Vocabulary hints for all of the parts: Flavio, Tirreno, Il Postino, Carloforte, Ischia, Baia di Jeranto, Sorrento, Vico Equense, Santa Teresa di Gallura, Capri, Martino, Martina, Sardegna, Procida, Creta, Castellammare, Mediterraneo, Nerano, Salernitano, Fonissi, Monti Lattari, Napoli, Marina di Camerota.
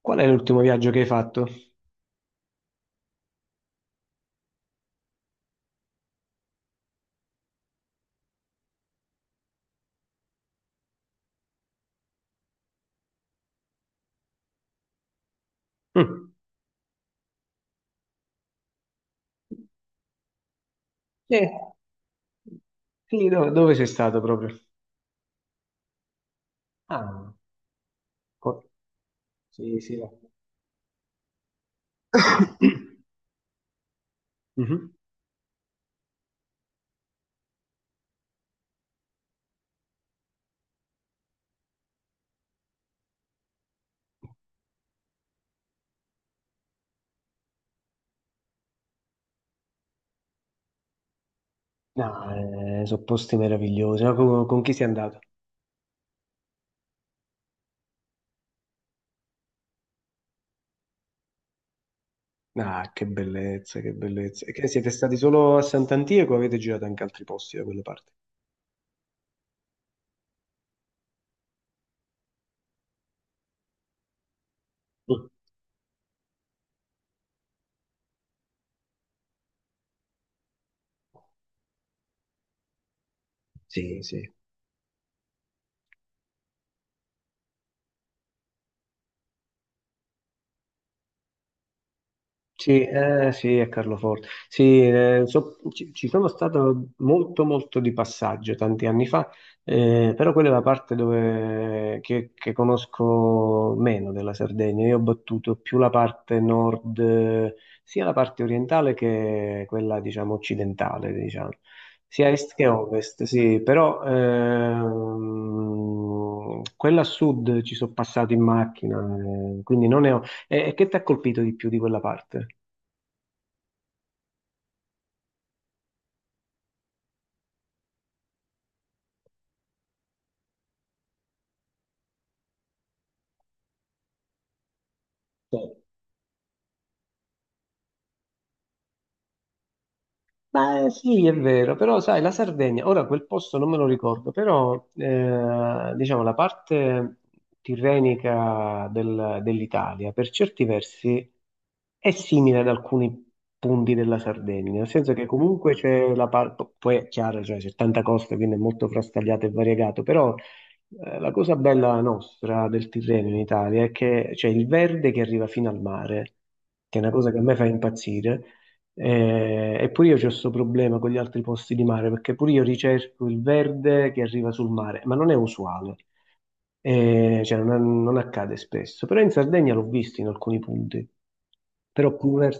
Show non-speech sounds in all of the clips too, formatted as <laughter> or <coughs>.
Qual è l'ultimo viaggio che hai fatto? Mm. Sì. Quindi dove sei stato proprio? Ah, co- sì, sì. Va. <coughs> Mhm. No, sono posti meravigliosi. Ma con chi sei andato? Ah, che bellezza, che bellezza. E che siete stati solo a Sant'Antico o avete girato anche altri posti da quelle parti? Mm. Sì, sì. Sì, sì, è Carloforte. Sì, ci sono stato molto, molto di passaggio tanti anni fa, però quella è la parte dove, che conosco meno della Sardegna. Io ho battuto più la parte nord, sia la parte orientale che quella, diciamo, occidentale, diciamo, sia est che ovest, sì, però quella a sud ci sono passato in macchina, quindi non ne ho. E che ti ha colpito di più di quella parte? Sì. Ma sì, è vero, però sai, la Sardegna, ora quel posto non me lo ricordo, però diciamo la parte tirrenica dell'Italia per certi versi è simile ad alcuni punti della Sardegna, nel senso che comunque c'è la parte, poi è chiaro, cioè, c'è tanta costa, quindi è molto frastagliato e variegato, però la cosa bella nostra del Tirreno in Italia è che c'è il verde che arriva fino al mare, che è una cosa che a me fa impazzire. E pure io ho questo problema con gli altri posti di mare, perché pure io ricerco il verde che arriva sul mare, ma non è usuale. Cioè non accade spesso. Però in Sardegna l'ho visto in alcuni punti. Però pure...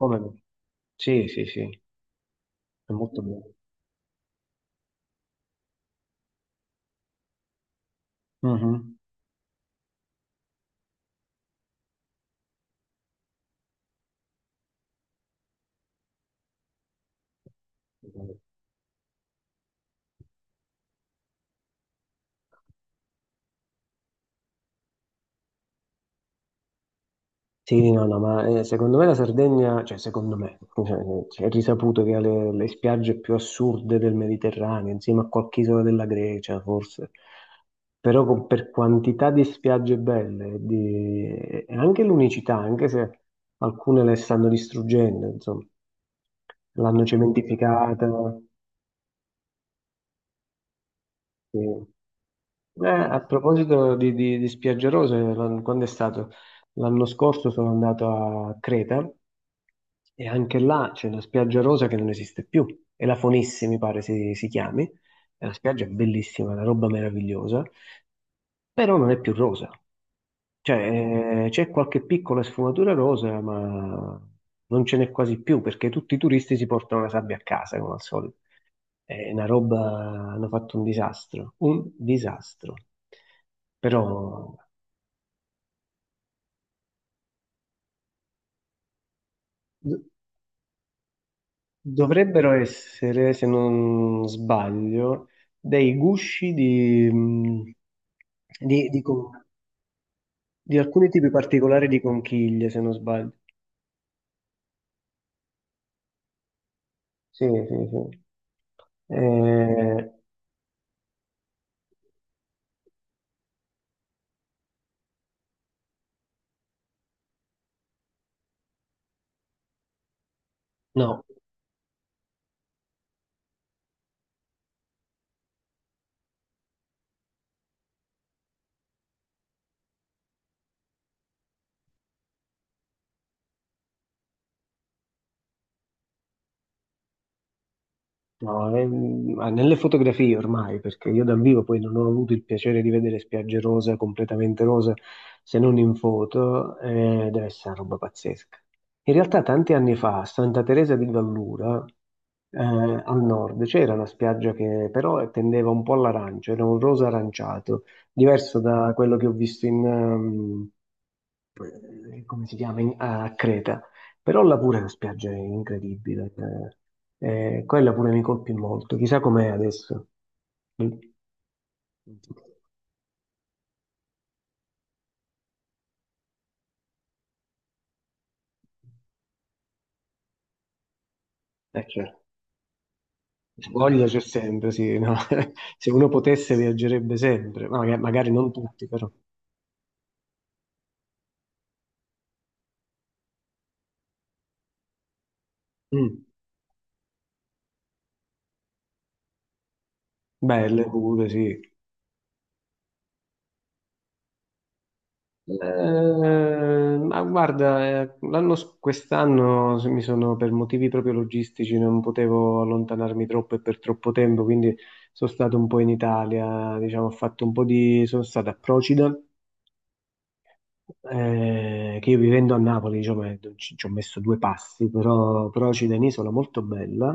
Come no? Sì, sì, sì, è molto bello. Mhm. Sì, no, no, ma secondo me la Sardegna, cioè secondo me, cioè, cioè, è risaputo che ha le spiagge più assurde del Mediterraneo, insieme a qualche isola della Grecia, forse. Però per quantità di spiagge belle e e anche l'unicità, anche se alcune le stanno distruggendo, insomma, l'hanno cementificata. Sì. A proposito di spiagge rose, quando è stato? L'anno scorso sono andato a Creta e anche là c'è una spiaggia rosa che non esiste più, è la Fonissi mi pare si chiami, è una spiaggia bellissima, una roba meravigliosa, però non è più rosa, cioè c'è qualche piccola sfumatura rosa ma non ce n'è quasi più perché tutti i turisti si portano la sabbia a casa come al solito. È una roba, hanno fatto un disastro, un disastro. Però do- dovrebbero essere, se non sbaglio, dei gusci di, di con- di alcuni tipi particolari di conchiglie, se non sbaglio. Sì, sì, sì. Eh, no. No, ma nelle fotografie ormai, perché io dal vivo poi non ho avuto il piacere di vedere spiagge rosa, completamente rosa, se non in foto, deve essere una roba pazzesca. In realtà tanti anni fa a Santa Teresa di Gallura, al nord, c'era una spiaggia che però tendeva un po' all'arancio, era un rosa aranciato, diverso da quello che ho visto in, come si chiama, a Creta. Però là pure la spiaggia è incredibile. Quella pure mi colpì molto. Chissà com'è adesso. Mm. Cioè, voglia c'è sempre, sì, no? <laughs> Se uno potesse viaggerebbe sempre, magari non tutti, però. Mm. Belle pure, sì. Ma guarda, quest'anno se mi sono per motivi proprio logistici, non potevo allontanarmi troppo e per troppo tempo, quindi sono stato un po' in Italia, diciamo, ho fatto un po' di, sono stato a Procida, che io vivendo a Napoli, diciamo, ci ho messo due passi, però c'è un'isola molto bella,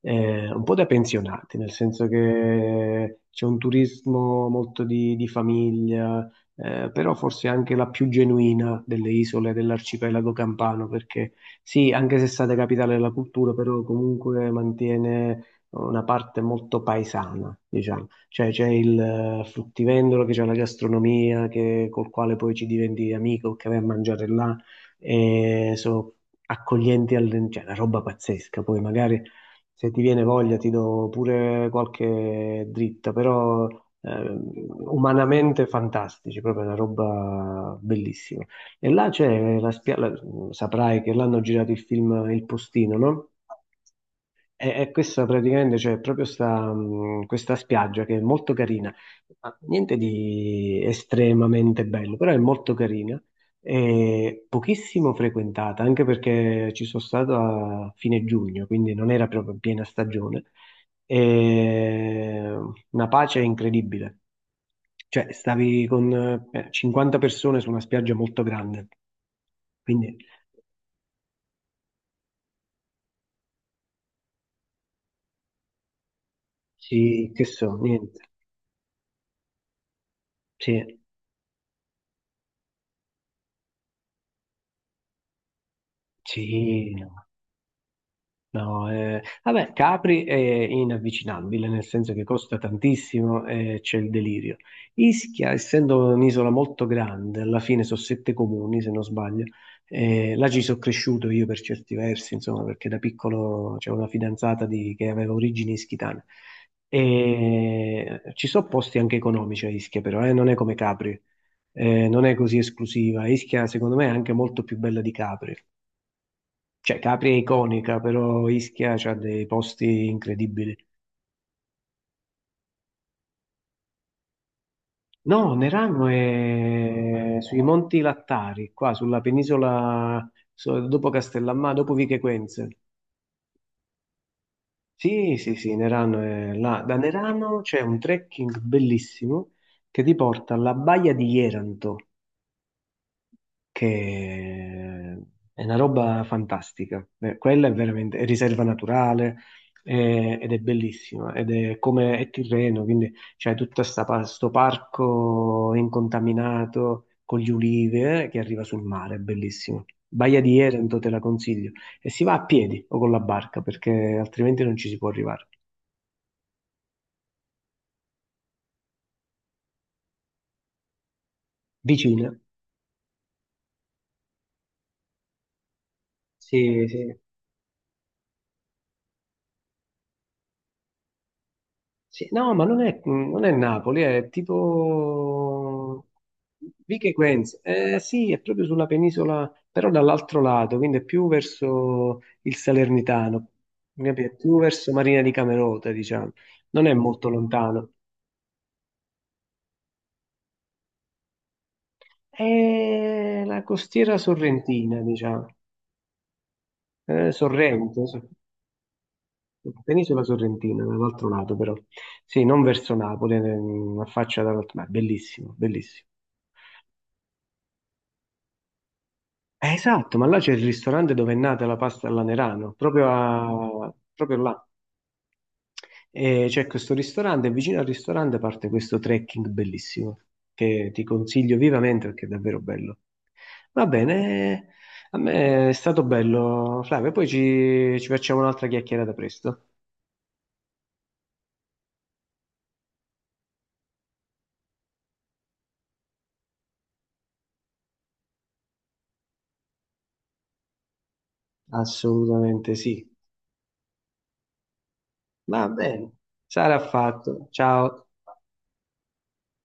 un po' da pensionati, nel senso che c'è un turismo molto di famiglia, però forse anche la più genuina delle isole dell'arcipelago campano, perché sì, anche se è stata capitale della cultura, però comunque mantiene una parte molto paesana, diciamo. Cioè c'è il fruttivendolo che c'è la gastronomia col quale poi ci diventi amico, che vai a mangiare là e sono accoglienti, cioè una roba pazzesca. Poi magari se ti viene voglia ti do pure qualche dritta, però eh, umanamente fantastici, proprio una roba bellissima. E là c'è la spiaggia, saprai che l'hanno girato il film Il Postino, no? E questa praticamente c'è proprio questa spiaggia che è molto carina, ma niente di estremamente bello, però è molto carina e pochissimo frequentata, anche perché ci sono stato a fine giugno, quindi non era proprio piena stagione. E una pace incredibile. Cioè, stavi con 50 persone su una spiaggia molto grande, quindi sì, che so, niente. Sì, sì. No. No, vabbè, Capri è inavvicinabile, nel senso che costa tantissimo e c'è il delirio. Ischia, essendo un'isola molto grande, alla fine sono sette comuni, se non sbaglio, là ci sono cresciuto io per certi versi, insomma, perché da piccolo c'era una fidanzata che aveva origini ischitane. E ci sono posti anche economici a Ischia, però, non è come Capri, non è così esclusiva. Ischia, secondo me, è anche molto più bella di Capri. Cioè, Capri è iconica, però Ischia ha dei posti incredibili. No, Nerano è sui Monti Lattari, qua sulla penisola, dopo Castellammare, dopo Vichequenze. Sì, sì, sì, Nerano è là. Da Nerano c'è un trekking bellissimo che ti porta alla baia di Jeranto, che è una roba fantastica. Quella è veramente, è riserva naturale, ed è bellissima ed è come è Tirreno, quindi c'è tutto questo parco incontaminato con gli ulivi, che arriva sul mare, è bellissimo. Baia di Erento te la consiglio e si va a piedi o con la barca perché altrimenti non ci si può arrivare. Vicina. Sì, sì. Sì, no, ma non è Napoli, è tipo Vico Equense. Sì, è proprio sulla penisola, però dall'altro lato, quindi è più verso il Salernitano, capi? È più verso Marina di Camerota, diciamo. Non è molto lontano. È la costiera sorrentina, diciamo. Sorrento, penisola sorrentina, dall'altro lato però. Sì, non verso Napoli, affaccia dall'altro lato, ma è bellissimo, bellissimo. Esatto, ma là c'è il ristorante dove è nata la pasta all'anerano, proprio, proprio là. E c'è questo ristorante, e vicino al ristorante parte questo trekking bellissimo, che ti consiglio vivamente perché è davvero bello. Va bene, a me è stato bello, Flavio, poi ci facciamo un'altra chiacchierata presto. Assolutamente sì. Va bene, sarà fatto. Ciao.